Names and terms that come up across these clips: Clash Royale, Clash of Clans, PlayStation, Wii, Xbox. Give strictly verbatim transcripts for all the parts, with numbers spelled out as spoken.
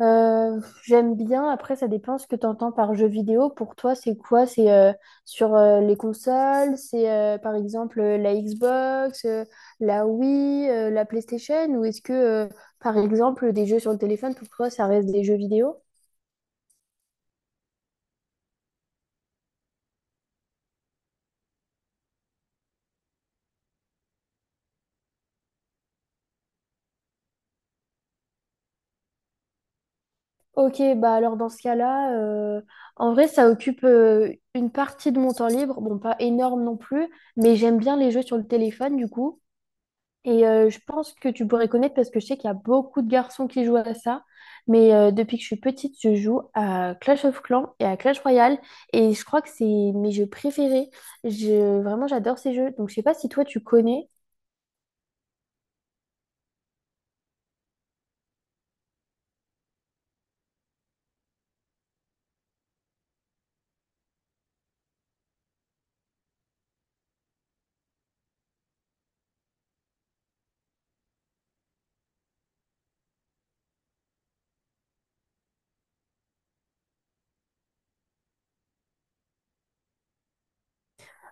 Euh, j'aime bien, après ça dépend ce que tu entends par jeu vidéo. Pour toi, c'est quoi? C'est euh, sur euh, les consoles, c'est euh, par exemple euh, la Xbox, euh, la Wii, euh, la PlayStation, ou est-ce que euh, par exemple des jeux sur le téléphone, pour toi, ça reste des jeux vidéo? Ok, bah alors dans ce cas-là, euh, en vrai, ça occupe euh, une partie de mon temps libre. Bon, pas énorme non plus, mais j'aime bien les jeux sur le téléphone du coup. Et euh, je pense que tu pourrais connaître parce que je sais qu'il y a beaucoup de garçons qui jouent à ça. Mais euh, depuis que je suis petite, je joue à Clash of Clans et à Clash Royale. Et je crois que c'est mes jeux préférés. Je... Vraiment, j'adore ces jeux. Donc, je sais pas si toi, tu connais.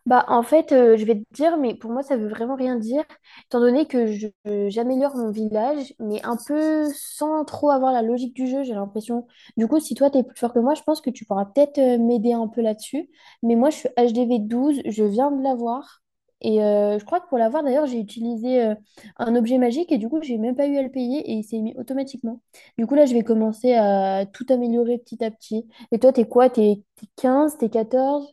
Bah, en fait, euh, je vais te dire, mais pour moi, ça veut vraiment rien dire, étant donné que je- j'améliore mon village, mais un peu sans trop avoir la logique du jeu, j'ai l'impression. Du coup, si toi, t'es plus fort que moi, je pense que tu pourras peut-être euh, m'aider un peu là-dessus. Mais moi, je suis H D V douze, je viens de l'avoir. Et euh, je crois que pour l'avoir, d'ailleurs, j'ai utilisé euh, un objet magique et du coup, j'ai même pas eu à le payer et il s'est mis automatiquement. Du coup, là, je vais commencer à tout améliorer petit à petit. Et toi, t'es quoi? T'es t'es quinze, t'es quatorze.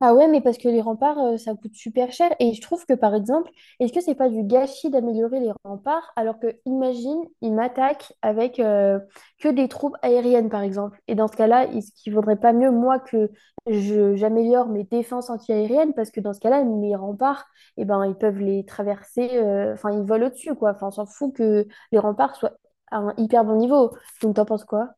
Ah ouais, mais parce que les remparts, euh, ça coûte super cher. Et je trouve que, par exemple, est-ce que c'est pas du gâchis d'améliorer les remparts alors que, imagine, ils m'attaquent avec euh, que des troupes aériennes, par exemple. Et dans ce cas-là, est-ce qu'il vaudrait pas mieux, moi, que je, j'améliore mes défenses anti-aériennes parce que dans ce cas-là, mes remparts, eh ben, ils peuvent les traverser, euh, enfin, ils volent au-dessus, quoi. Enfin, on s'en fout que les remparts soient à un hyper bon niveau. Donc, t'en penses quoi?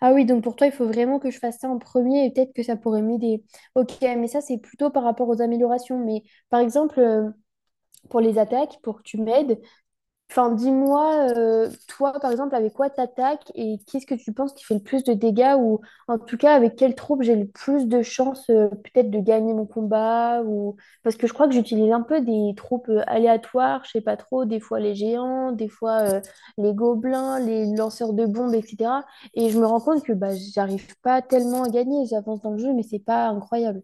Ah oui, donc pour toi, il faut vraiment que je fasse ça en premier et peut-être que ça pourrait m'aider. Ok, mais ça, c'est plutôt par rapport aux améliorations. Mais par exemple, euh, pour les attaques, pour que tu m'aides, enfin, dis-moi, euh, toi, par exemple, avec quoi t'attaques et qu'est-ce que tu penses qui fait le plus de dégâts ou en tout cas avec quelle troupe j'ai le plus de chances euh, peut-être de gagner mon combat ou parce que je crois que j'utilise un peu des troupes euh, aléatoires, je sais pas trop, des fois les géants, des fois euh, les gobelins, les lanceurs de bombes, et cetera. Et je me rends compte que bah j'arrive pas tellement à gagner, j'avance dans le jeu, mais c'est pas incroyable.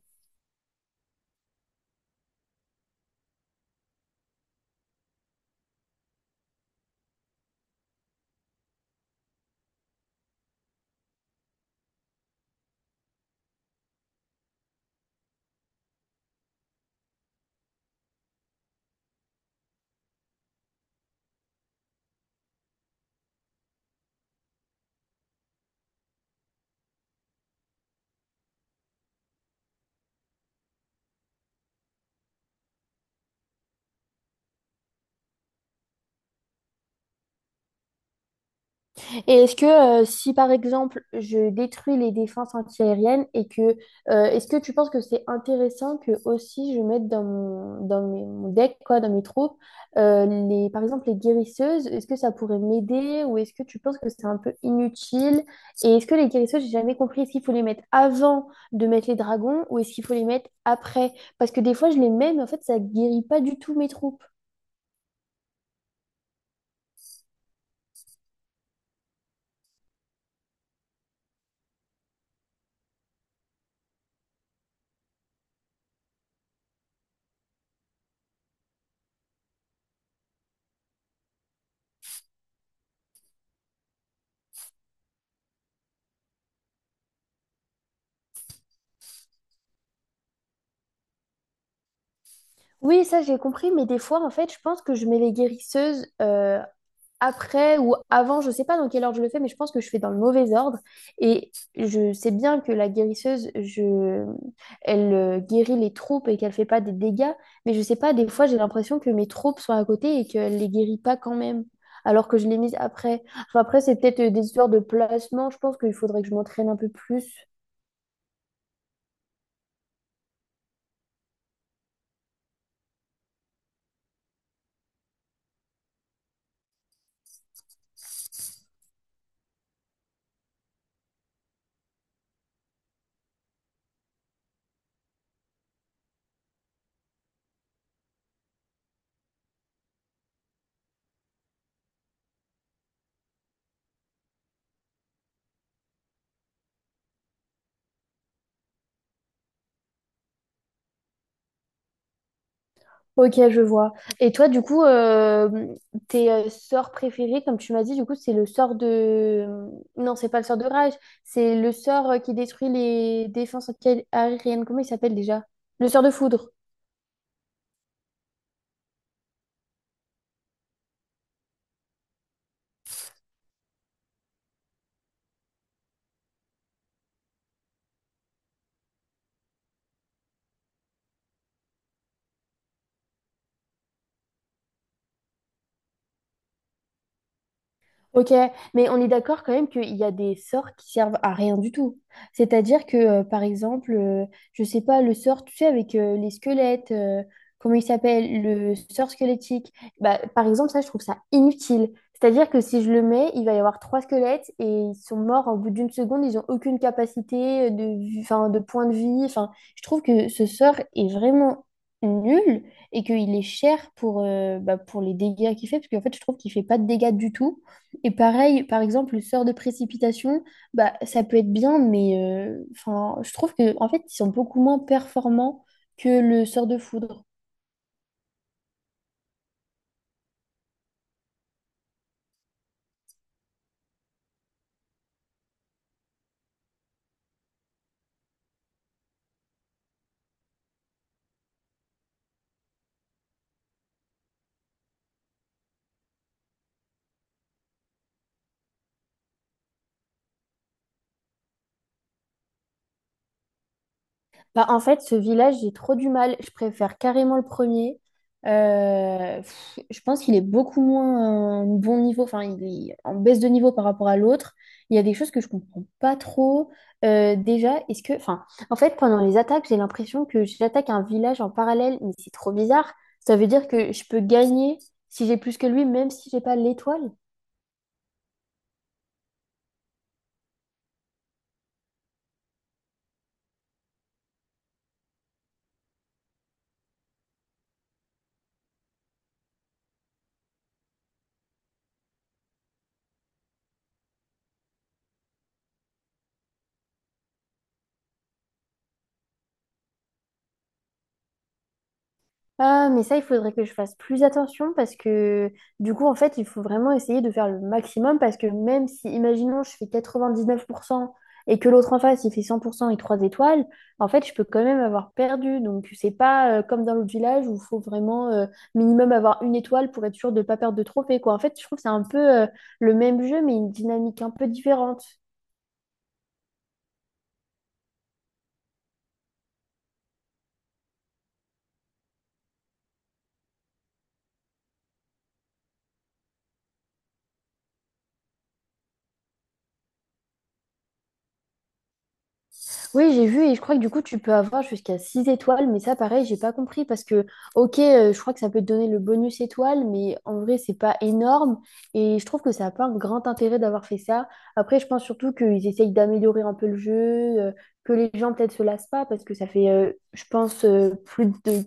Et est-ce que euh, si par exemple je détruis les défenses antiaériennes et que euh, est-ce que tu penses que c'est intéressant que aussi je mette dans mon, dans mes- mon deck quoi dans mes troupes euh, les par exemple les guérisseuses est-ce que ça pourrait m'aider ou est-ce que tu penses que c'est un peu inutile et est-ce que les guérisseuses j'ai jamais compris est-ce qu'il faut les mettre avant de mettre les dragons ou est-ce qu'il faut les mettre après parce que des fois je les mets mais en fait ça guérit pas du tout mes troupes. Oui, ça j'ai compris, mais des fois en fait je pense que je mets les guérisseuses euh, après ou avant, je sais pas dans quelle ordre je le fais, mais je pense que je fais dans le mauvais ordre. Et je sais bien que la guérisseuse, je... elle euh, guérit les troupes et qu'elle fait pas des dégâts, mais je sais pas, des fois j'ai l'impression que mes troupes sont à côté et qu'elle les guérit pas quand même, alors que je les mise après. Enfin, après, c'est peut-être euh, des histoires de placement, je pense qu'il faudrait que je m'entraîne un peu plus. Ok, je vois. Et toi, du coup, euh, tes euh, sorts préférés, comme tu m'as dit, du coup, c'est le sort de... euh, Non, c'est pas le sort de rage, c'est le sort euh, qui détruit les défenses anti-aériennes. Comment il s'appelle déjà? Le sort de foudre. Ok, mais on est d'accord quand même qu'il y a des sorts qui servent à rien du tout. C'est-à-dire que, euh, par exemple, euh, je sais pas, le sort, tu sais, avec euh, les squelettes, euh, comment il s'appelle, le sort squelettique, bah, par exemple, ça, je trouve ça inutile. C'est-à-dire que si je le mets, il va y avoir trois squelettes et ils sont morts au bout d'une seconde, ils n'ont aucune capacité euh, de, enfin, de point de vie. Enfin, je trouve que ce sort est vraiment nul et qu'il est cher pour, euh, bah, pour les dégâts qu'il fait, parce qu'en fait, je trouve qu'il fait pas de dégâts du tout. Et pareil, par exemple, le sort de précipitation, bah, ça peut être bien, mais euh, enfin, je trouve que en fait, ils sont beaucoup moins performants que le sort de foudre. Bah, en fait, ce village, j'ai trop du mal. Je préfère carrément le premier. Euh, pff, je pense qu'il est beaucoup moins euh, bon niveau, enfin, il est en baisse de niveau par rapport à l'autre. Il y a des choses que je comprends pas trop. Euh, déjà, est-ce que, enfin, en fait, pendant les attaques, j'ai l'impression que j'attaque un village en parallèle, mais c'est trop bizarre. Ça veut dire que je peux gagner si j'ai plus que lui, même si j'ai pas l'étoile. Ah, mais ça, il faudrait que je fasse plus attention parce que du coup, en fait, il faut vraiment essayer de faire le maximum parce que même si, imaginons, je fais quatre-vingt-dix-neuf pour cent et que l'autre en face, il fait cent pour cent et trois étoiles, en fait, je peux quand même avoir perdu. Donc, c'est pas euh, comme dans l'autre village où il faut vraiment euh, minimum avoir une étoile pour être sûr de ne pas perdre de trophée, quoi. En fait, je trouve que c'est un peu euh, le même jeu, mais une dynamique un peu différente. Oui, j'ai vu et je crois que du coup, tu peux avoir jusqu'à six étoiles, mais ça, pareil, j'ai pas compris parce que, ok, euh, je crois que ça peut te donner le bonus étoile, mais en vrai, c'est pas énorme et je trouve que ça a pas un grand intérêt d'avoir fait ça. Après, je pense surtout qu'ils essayent d'améliorer un peu le jeu, euh, que les gens peut-être se lassent pas parce que ça fait, euh, je pense, euh, plus de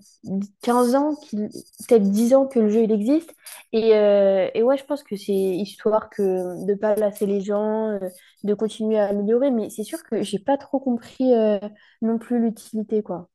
quinze ans, qu'il- peut-être dix ans que le jeu il existe. Et, euh, et ouais, je pense que c'est histoire que de pas lasser les gens, euh, de continuer à améliorer, mais c'est sûr que j'ai pas trop compris euh, non plus l'utilité, quoi.